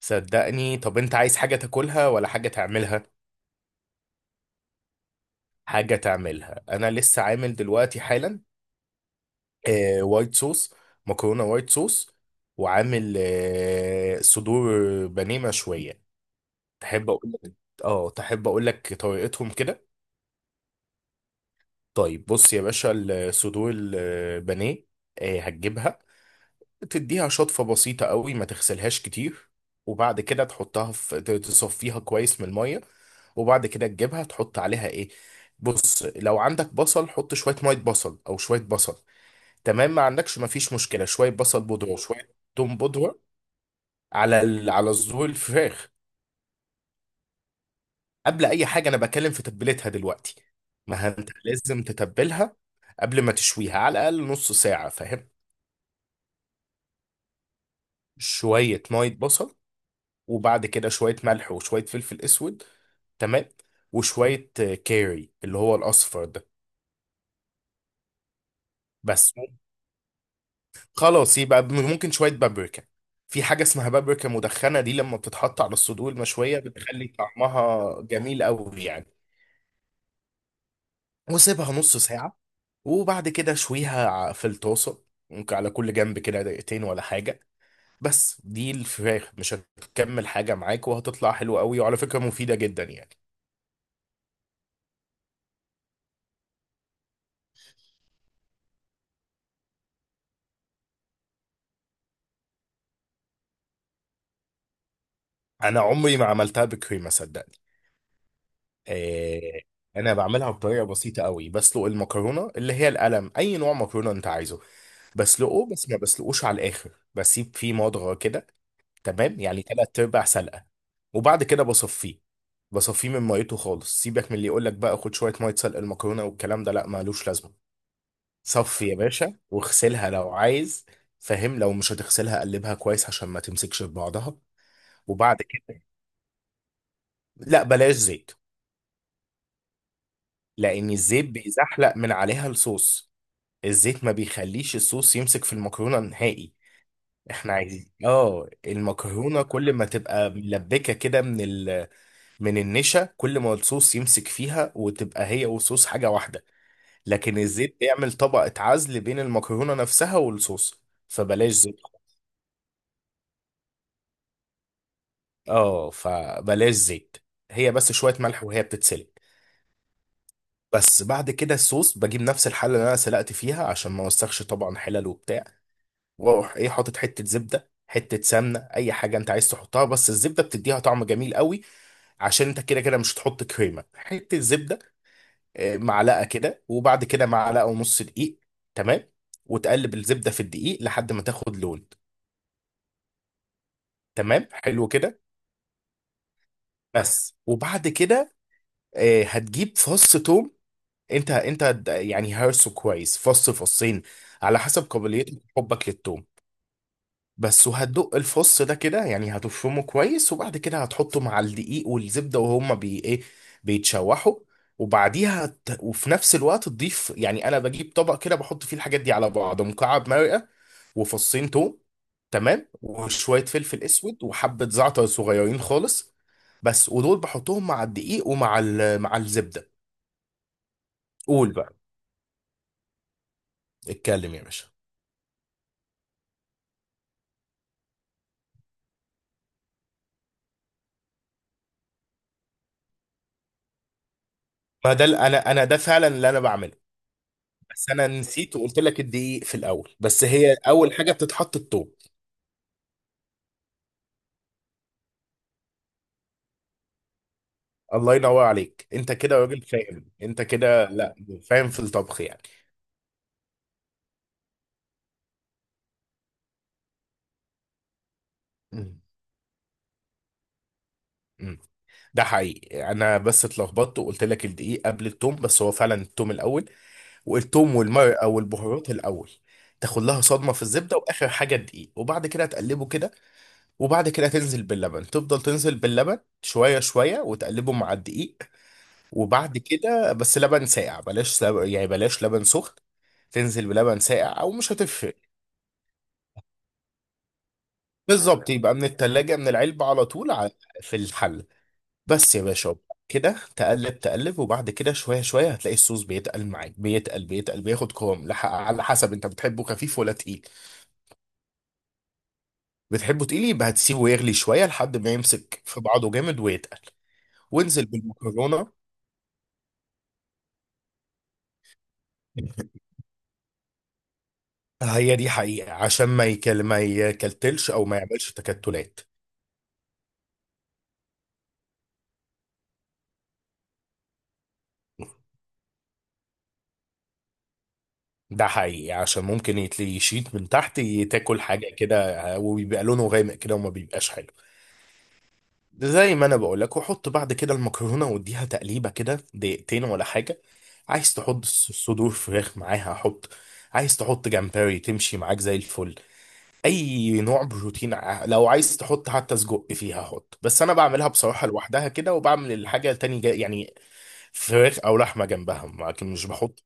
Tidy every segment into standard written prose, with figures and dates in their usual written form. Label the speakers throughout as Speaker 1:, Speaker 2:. Speaker 1: صدقني. طب انت عايز حاجة تاكلها ولا حاجة تعملها؟ حاجة تعملها، انا لسه عامل دلوقتي حالا وايت صوص. مكرونة وايت صوص. وعامل صدور بانيه مشوية. تحب اقول لك؟ اه تحب اقول لك طريقتهم كده؟ طيب بص يا باشا، الصدور البانيه هتجيبها، تديها شطفة بسيطة قوي، ما تغسلهاش كتير، وبعد كده تحطها في تصفيها كويس من المية. وبعد كده تجيبها تحط عليها ايه؟ بص، لو عندك بصل حط شوية مية بصل او شوية بصل، تمام. ما عندكش ما فيش مشكلة، شوية بصل بودرة وشوية توم بودرة على على صدور الفراخ. قبل اي حاجة انا بكلم في تتبيلتها دلوقتي. ما انت لازم تتبلها قبل ما تشويها على الاقل نص ساعة، فاهم. شوية مية بصل، وبعد كده شوية ملح وشوية فلفل اسود، تمام، وشوية كاري اللي هو الأصفر ده. بس خلاص، يبقى ممكن شوية بابريكا. في حاجة اسمها بابريكا مدخنة دي، لما بتتحط على الصدور المشوية بتخلي طعمها جميل قوي يعني. وسيبها نص ساعة، وبعد كده شويها في الطاسة، ممكن على كل جنب كده دقيقتين ولا حاجة. بس دي الفراخ مش هتكمل حاجة معاك، وهتطلع حلوة قوي، وعلى فكرة مفيدة جدا يعني. أنا عمري ما عملتها بكريمة، صدقني. آه، انا بعملها بطريقه بسيطه قوي، بسلق المكرونه اللي هي القلم، اي نوع مكرونه انت عايزه، بسلقه بس ما بسلقوش على الاخر، بسيب فيه مضغه كده، تمام، يعني تلات ارباع سلقه. وبعد كده بصفيه، بصفيه من ميته خالص. سيبك من اللي يقول لك بقى خد شويه ميه سلق المكرونه والكلام ده، لا مالوش لازمه. صفي يا باشا، واغسلها لو عايز، فاهم. لو مش هتغسلها قلبها كويس عشان ما تمسكش في بعضها. وبعد كده لا، بلاش زيت، لان الزيت بيزحلق من عليها الصوص. الزيت ما بيخليش الصوص يمسك في المكرونة نهائي. احنا عايزين المكرونة كل ما تبقى ملبكة كده من من النشا، كل ما الصوص يمسك فيها وتبقى هي والصوص حاجة واحدة. لكن الزيت بيعمل طبقة عزل بين المكرونة نفسها والصوص، فبلاش زيت. اه فبلاش زيت. هي بس شوية ملح وهي بتتسلق. بس بعد كده الصوص، بجيب نفس الحلة اللي انا سلقت فيها عشان ما اوسخش طبعا حلل وبتاع، واروح ايه، حاطط حته زبده، حته سمنه، اي حاجه انت عايز تحطها، بس الزبده بتديها طعم جميل قوي. عشان انت كده كده مش هتحط كريمه، حته زبده، معلقه كده، وبعد كده معلقه ونص دقيق، تمام، وتقلب الزبده في الدقيق لحد ما تاخد لون، تمام، حلو كده. بس. وبعد كده هتجيب فص توم. انت يعني هرسه كويس، فص فصين على حسب قابليتك وحبك للتوم، بس. وهتدق الفص ده كده يعني، هتفرمه كويس، وبعد كده هتحطه مع الدقيق والزبدة، وهما بي ايه، بيتشوحوا. وبعديها وفي نفس الوقت تضيف، يعني انا بجيب طبق كده بحط فيه الحاجات دي على بعض، مكعب مرقة وفصين توم، تمام، وشوية فلفل اسود وحبة زعتر صغيرين خالص، بس. ودول بحطهم مع الدقيق ومع مع الزبدة. قول بقى، اتكلم يا باشا. ما ده انا ده فعلا اللي انا بعمله، بس انا نسيت وقلت لك الدقيق في الاول، بس هي اول حاجه بتتحط التوم. الله ينور عليك، انت كده راجل فاهم، انت كده لا فاهم في الطبخ يعني. مم. مم. ده حقيقي، انا بس اتلخبطت وقلت لك الدقيق قبل التوم، بس هو فعلا التوم الاول، والتوم والمرق او البهارات الاول. تاخد لها صدمه في الزبده، واخر حاجه الدقيق، وبعد كده تقلبه كده. وبعد كده تنزل باللبن، تفضل تنزل باللبن شويه شويه وتقلبه مع الدقيق. وبعد كده بس لبن ساقع، بلاش لبن يعني بلاش لبن سخن. تنزل بلبن ساقع او مش هتفرق. بالظبط، يبقى من التلاجة من العلبة على طول في الحل. بس يا باشا، كده تقلب وبعد كده شوية شوية هتلاقي الصوص بيتقل معاك، بيتقل بيتقل بياخد قوام على حسب انت بتحبه خفيف ولا تقيل. بتحبه تقيل، يبقى هتسيبه يغلي شوية لحد ما يمسك في بعضه جامد ويتقل. وانزل بالمكرونة. هي دي حقيقة عشان ما ما يكلتلش او ما يعملش تكتلات. ده حقيقي، عشان ممكن يتلي يشيط من تحت، تاكل حاجة كده وبيبقى لونه غامق كده وما بيبقاش حلو. زي ما انا بقول لك، وحط بعد كده المكرونة واديها تقليبة كده دقيقتين ولا حاجة. عايز تحط صدور فراخ معاها حط، عايز تحط جمبري تمشي معاك زي الفل، اي نوع بروتين لو عايز تحط حتى سجق فيها حط، بس انا بعملها بصراحة لوحدها كده، وبعمل الحاجة تاني جا يعني، فراخ او لحمة جنبها لكن مش بحط.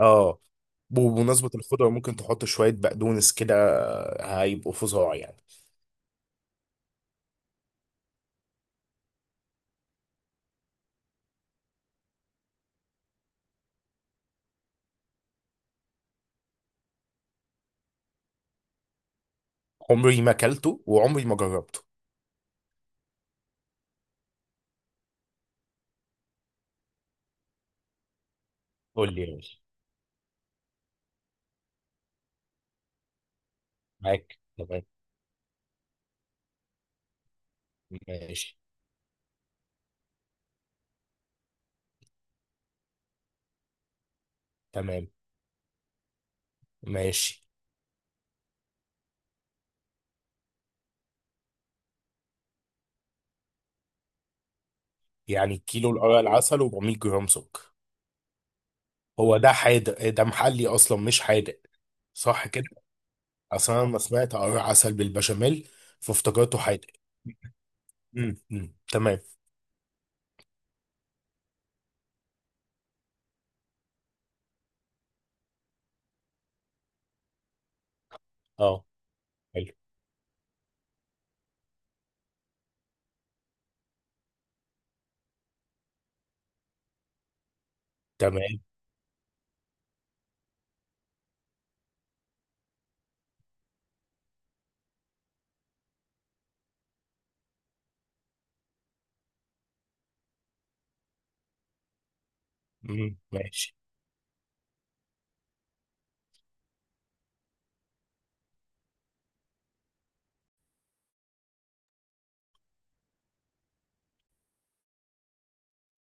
Speaker 1: اه بمناسبة الخضرة، ممكن تحط شوية بقدونس كده. هيبقوا فظاع يعني. عمري ما اكلته وعمري ما جربته. قول لي، ماشي معاك. تمام، ماشي. تمام، ماشي، يعني كيلو القرع العسل و400 جرام سكر. هو ده حادق ده محلي اصلا مش حادق؟ صح كده. اصل انا لما سمعت قرع عسل بالبشاميل فافتكرته حادق. امم، تمام. اه حلو. تمام. امم، ماشي.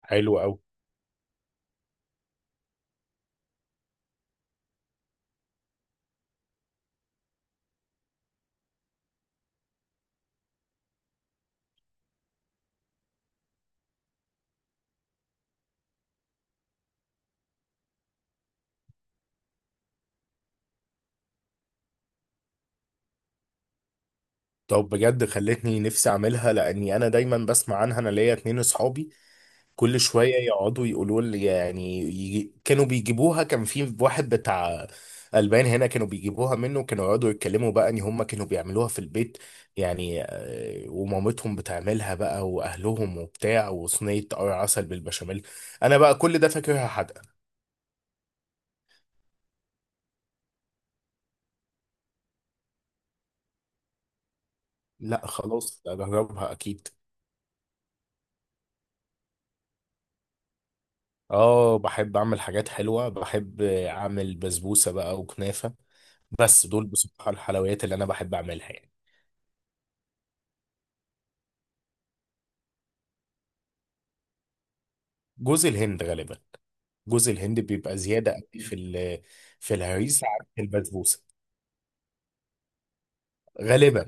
Speaker 1: حلو قوي. طب بجد خلتني نفسي اعملها، لاني انا دايما بسمع عنها، انا ليا اتنين اصحابي كل شويه يقعدوا يقولوا لي، يعني يجي كانوا بيجيبوها، كان في واحد بتاع البان هنا كانوا بيجيبوها منه، كانوا يقعدوا يتكلموا بقى ان هم كانوا بيعملوها في البيت يعني، ومامتهم بتعملها بقى، واهلهم وبتاع، وصينيه عسل بالبشاميل. انا بقى كل ده فاكرها حدقه. لا خلاص، اجربها اكيد. اه بحب اعمل حاجات حلوه، بحب اعمل بسبوسه بقى وكنافه. بس دول بصراحه الحلويات اللي انا بحب اعملها يعني. جوز الهند غالبا، جوز الهند بيبقى زياده قوي في في الهريسه عن البسبوسه، غالبا.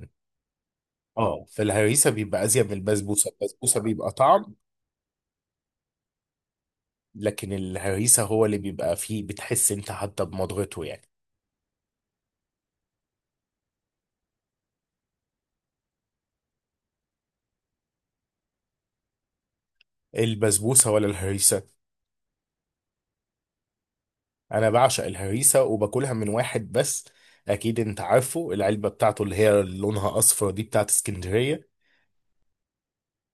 Speaker 1: اه في الهريسه بيبقى ازيد من البسبوسه، البسبوسه بيبقى طعم، لكن الهريسه هو اللي بيبقى فيه بتحس انت حتى بمضغته يعني. البسبوسه ولا الهريسه؟ انا بعشق الهريسه، وباكلها من واحد بس. اكيد انت عارفه العلبه بتاعته اللي هي لونها اصفر دي بتاعت اسكندريه.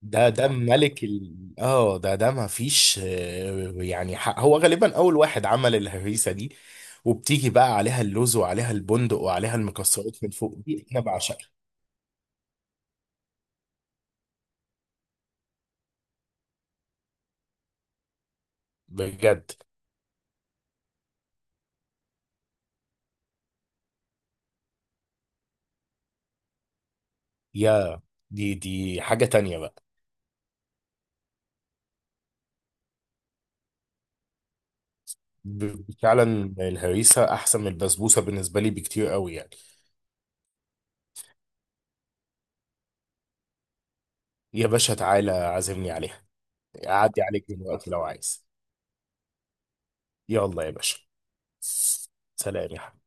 Speaker 1: ده عارف ملك ده ما فيش يعني حق. هو غالبا اول واحد عمل الهريسه دي. وبتيجي بقى عليها اللوز وعليها البندق وعليها المكسرات من فوق، دي انا بعشقها بجد. يا، دي حاجه تانية بقى. فعلا الهريسه احسن من البسبوسه بالنسبه لي بكتير قوي يعني. يا باشا تعالى عازمني عليها. اعدي عليك دلوقتي لو عايز. يلا يا باشا. سلام يا حبيبي.